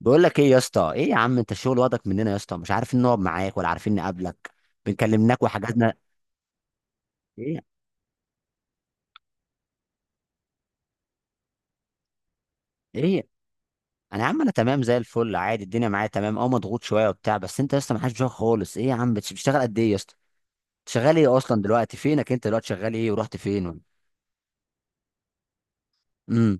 بقول لك ايه يا اسطى؟ ايه يا عم، انت الشغل واخدك مننا يا اسطى، مش عارفين نقعد معاك ولا عارفين نقابلك. بنكلمناك وحجزنا. ايه؟ ايه؟ انا يا عم تمام زي الفل عادي، الدنيا معايا تمام، اه مضغوط شويه وبتاع، بس انت يا اسطى ما حدش بيشوفك خالص. ايه يا عم، بتشتغل قد ايه يا اسطى؟ شغال ايه اصلا دلوقتي؟ فينك انت دلوقتي؟ شغال ايه ورحت فين ولا؟ امم.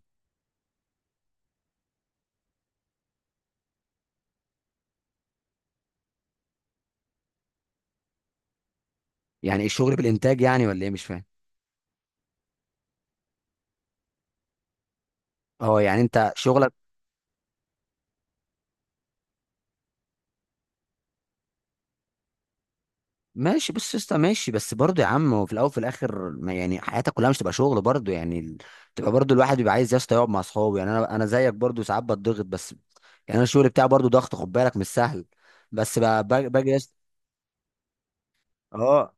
يعني ايه الشغل، بالانتاج يعني ولا ايه؟ مش فاهم. اه، يعني انت شغلك. ماشي، بص يا اسطى ماشي، بس برضه يا عم هو في الاول وفي الاخر ما يعني حياتك كلها مش تبقى شغل برضه. تبقى برضه الواحد بيبقى عايز يا اسطى يقعد مع اصحابه. يعني انا زيك برضه، ساعات بتضغط، بس يعني انا الشغل بتاعي برضه ضغط، خد بالك مش سهل. بس باجي يا اسطى. اه.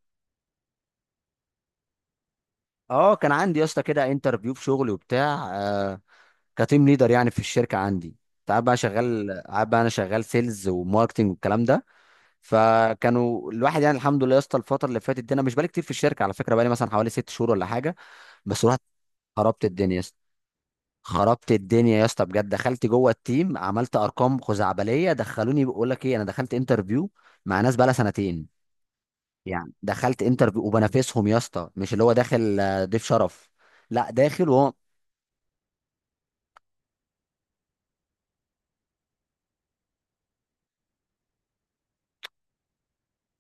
اه كان عندي يا اسطى كده انترفيو في شغلي وبتاع، آه، كتيم ليدر يعني في الشركه عندي. تعب بقى، شغال قاعد بقى، انا شغال سيلز وماركتنج والكلام ده. فكانوا الواحد يعني، الحمد لله يا اسطى، الفتره اللي فاتت دي انا مش بقالي كتير في الشركه على فكره، بقالي مثلا حوالي ست شهور ولا حاجه. بس رحت، خربت الدنيا يا اسطى، خربت الدنيا يا اسطى بجد، دخلت جوه التيم عملت ارقام خزعبليه، دخلوني بقول لك ايه، انا دخلت انترفيو مع ناس بقالها سنتين. يعني دخلت انترفيو وبنافسهم يا اسطى، مش اللي هو داخل ضيف شرف، لا داخل وهو.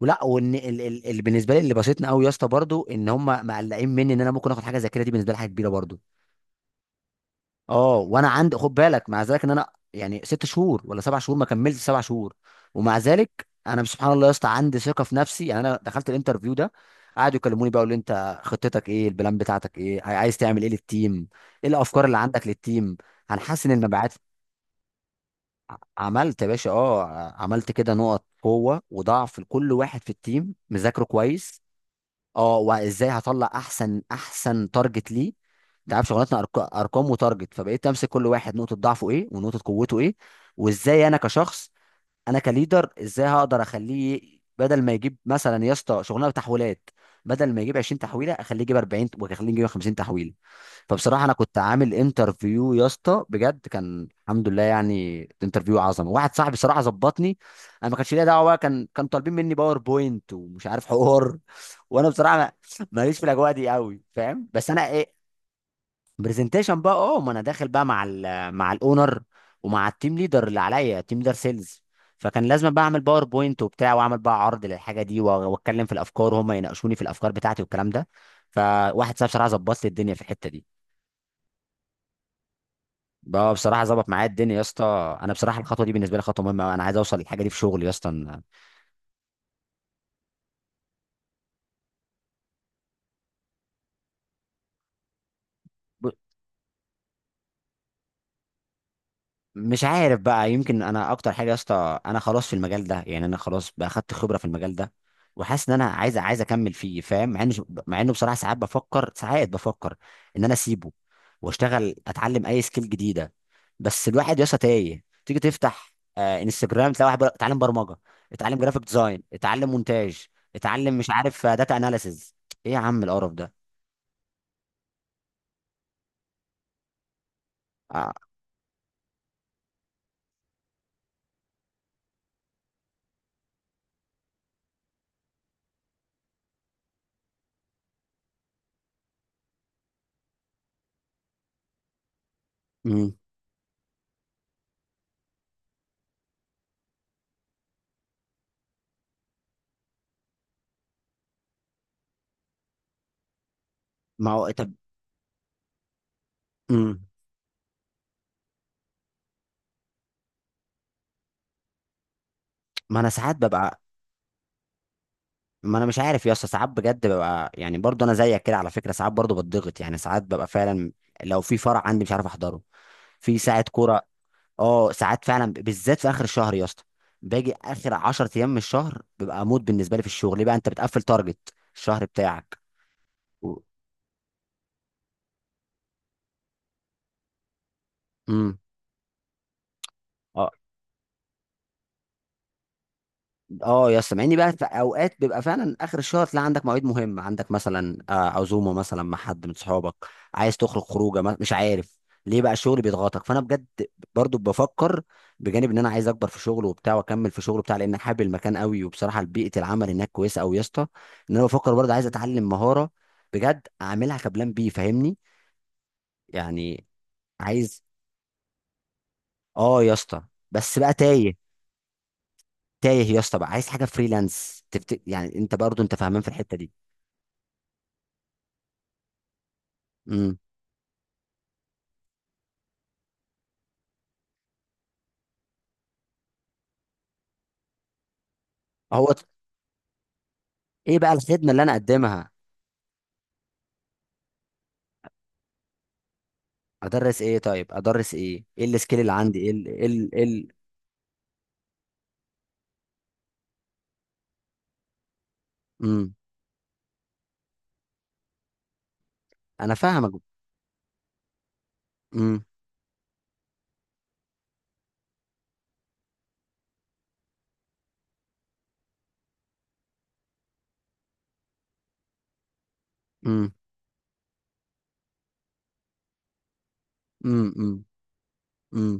ولا وان بالنسبه لي اللي بسطني قوي يا اسطى برضو ان هم مقلقين مني، ان انا ممكن اخد حاجه زي كده، دي بالنسبه لي حاجه كبيره برضو. اه، وانا عندي خد بالك، مع ذلك ان انا يعني ست شهور ولا سبع شهور، ما كملتش سبع شهور، ومع ذلك انا سبحان الله يا اسطى عندي ثقه في نفسي. يعني انا دخلت الانترفيو ده، قعدوا يكلموني بقى، يقولوا لي انت خطتك ايه، البلان بتاعتك ايه، عايز تعمل ايه للتيم، ايه الافكار اللي عندك للتيم. هنحسن المبيعات. عملت يا باشا، اه. عملت كده نقط قوه وضعف لكل واحد في التيم، مذاكره كويس. اه، وازاي هطلع احسن احسن تارجت ليه. انت عارف شغلتنا ارقام وتارجت، فبقيت امسك كل واحد نقطه ضعفه ايه ونقطه قوته ايه. وازاي انا كشخص، انا كليدر، ازاي هقدر اخليه بدل ما يجيب مثلا يا اسطى شغلانه تحويلات، بدل ما يجيب 20 تحويله اخليه يجيب 40، واخليه يجيب 50 تحويله. فبصراحه انا كنت عامل انترفيو يا اسطى بجد، كان الحمد لله يعني انترفيو عظمه، واحد صاحبي صراحه ظبطني. انا ما كانش ليا دعوه بقى، كان كان طالبين مني باوربوينت ومش عارف حوار. وانا بصراحه ماليش في الاجواء دي قوي، فاهم؟ بس انا ايه، برزنتيشن بقى، اه، ما انا داخل بقى مع ال، مع الاونر، ومع التيم ليدر اللي عليا، تيم ليدر سيلز. فكان لازم بقى اعمل باوربوينت وبتاع، واعمل بقى عرض للحاجه دي، واتكلم في الافكار وهم يناقشوني في الافكار بتاعتي والكلام ده. فواحد صاحبي بصراحه ظبط لي الدنيا في الحته دي. بقى بصراحه ظبط معايا الدنيا يا اسطى، انا بصراحه الخطوه دي بالنسبه لي خطوه مهمه أوي. انا عايز اوصل للحاجه دي في شغلي يا اسطى. ب- مش عارف بقى، يمكن انا اكتر حاجه يا اسطى، انا خلاص في المجال ده، يعني انا خلاص بقى اخدت خبره في المجال ده، وحاسس ان انا عايز اكمل فيه، فاهم؟ مع انه، مع انه بصراحه ساعات بفكر، ساعات بفكر، ان انا اسيبه واشتغل اتعلم اي سكيل جديده. بس الواحد يا اسطى تايه، تيجي تفتح انستجرام تلاقي واحد بيقول لك اتعلم برمجه، اتعلم جرافيك ديزاين، اتعلم مونتاج، اتعلم مش عارف داتا اناليسز. ايه يا عم القرف ده؟ آه، مم. ما هو طب. مم. ما انا ساعات ببقى، ما انا مش عارف يا اسطى، ساعات بجد ببقى يعني برضو انا زيك كده على فكره، ساعات برضو بتضغط يعني، ساعات ببقى فعلا لو في فرع عندي مش عارف احضره، في ساعه كوره. اه ساعات فعلا، بالذات في اخر الشهر يا اسطى، باجي اخر 10 ايام من الشهر ببقى اموت بالنسبه لي في الشغل، ليه بقى؟ انت بتقفل تارجت الشهر بتاعك. و... امم. اه يا اسطى، مع اني بقى في اوقات بيبقى فعلا اخر الشهر، تلاقي عندك مواعيد مهمه، عندك مثلا عزومه مثلا مع حد من صحابك، عايز تخرج خروجه، مش عارف، ليه بقى الشغل بيضغطك؟ فانا بجد برضو بفكر، بجانب ان انا عايز اكبر في شغل وبتاع واكمل في شغل بتاع، لان حابب المكان قوي، وبصراحه بيئه العمل هناك كويسه قوي يا اسطى، ان انا بفكر برضو عايز اتعلم مهاره بجد اعملها كبلان بي، فاهمني يعني؟ عايز، اه يا اسطى، بس بقى تايه، تايه يا اسطى بقى، عايز حاجه فريلانس يعني انت برضو انت فاهمان في الحته دي. إمم. هو ايه بقى الخدمه اللي انا اقدمها؟ ادرس ايه؟ طيب ادرس ايه؟ ايه السكيل اللي عندي؟ ايه ال، امم. انا فاهمك. امم، امم، امم، امم، امم،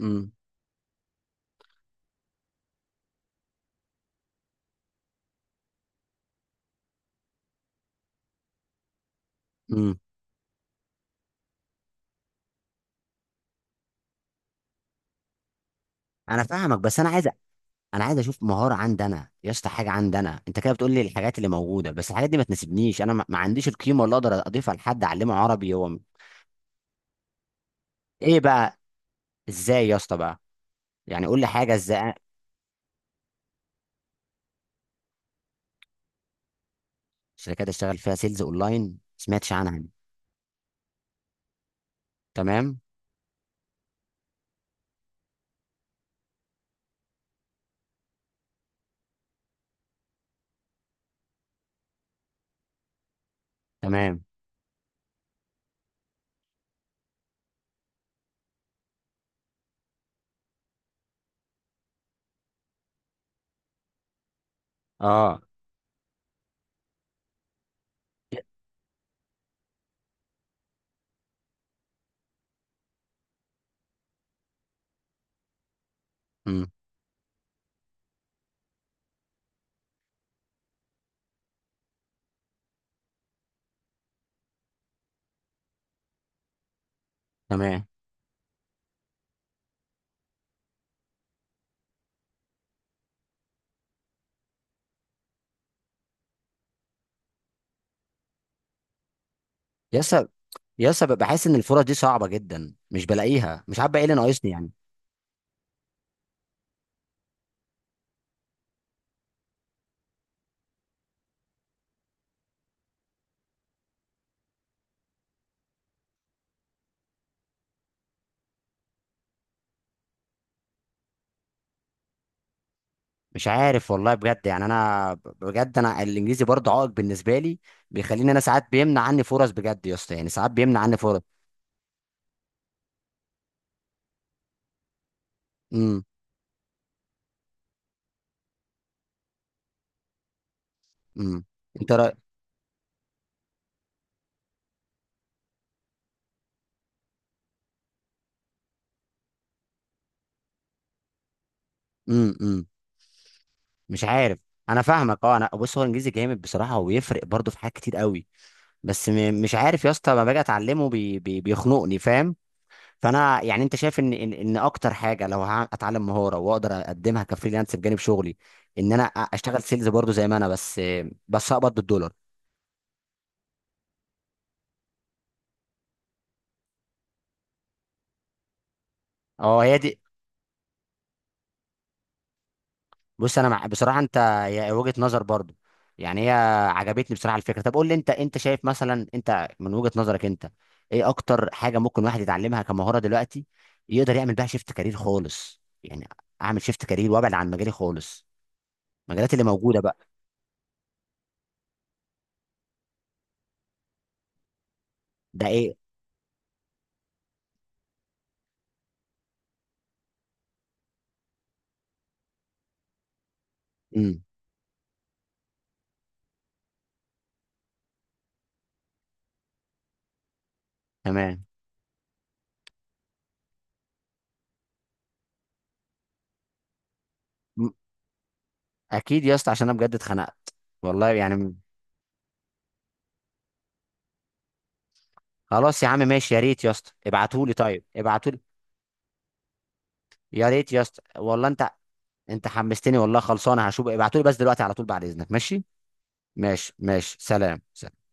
امم، امم. انا فاهمك، بس انا عايز، انا عايز اشوف مهاره عندي انا يا اسطى، حاجه عندي انا، انت كده بتقول لي الحاجات اللي موجوده، بس الحاجات دي ما تناسبنيش. انا ما عنديش القيمه اللي اقدر اضيفها لحد اعلمه عربي. ايه بقى؟ ازاي يا اسطى بقى؟ يعني قول لي حاجه، ازاي؟ شركات اشتغل فيها سيلز اونلاين؟ ما سمعتش عنها. تمام. تمام. اه، تمام. يسا، يسا بحس ان الفرص دي صعبه جدا، مش بلاقيها، مش عارف بقى ايه اللي ناقصني يعني. مش عارف والله بجد، يعني انا بجد انا الانجليزي برضه عائق بالنسبه لي، بيخليني انا ساعات، بيمنع عني فرص بجد يا اسطى، يعني ساعات بيمنع عني فرص. امم. امم. انت رأي. امم. امم. مش عارف. انا فاهمك، اه. انا بص، هو الانجليزي جامد بصراحه، وبيفرق برضه في حاجات كتير قوي، بس مش عارف يا اسطى، لما باجي اتعلمه بيخنقني، فاهم؟ فانا يعني انت شايف ان ان إن اكتر حاجه لو اتعلم مهاره واقدر اقدمها كفريلانس بجانب شغلي، ان انا اشتغل سيلز برضو زي ما انا، بس اقبض بالدولار. اه هي دي. بص انا، مع بصراحه انت، هي وجهه نظر برضو يعني، هي عجبتني بصراحه الفكره. طب قول لي انت شايف مثلا، انت من وجهه نظرك انت، ايه اكتر حاجه ممكن واحد يتعلمها كمهاره دلوقتي يقدر يعمل بيها شيفت كارير خالص يعني؟ اعمل شيفت كارير وابعد عن مجالي خالص، المجالات اللي موجوده بقى. ده ايه؟ امم. تمام. اكيد يا اسطى، عشان انا بجد اتخنقت والله يعني خلاص يا عم ماشي، يا ريت يا اسطى ابعتولي، طيب ابعتولي. يا ريت يا اسطى والله، انت حمستني والله، خلصانه هشوف، ابعتولي بس دلوقتي على طول بعد اذنك، ماشي؟ ماشي ماشي. سلام سلام.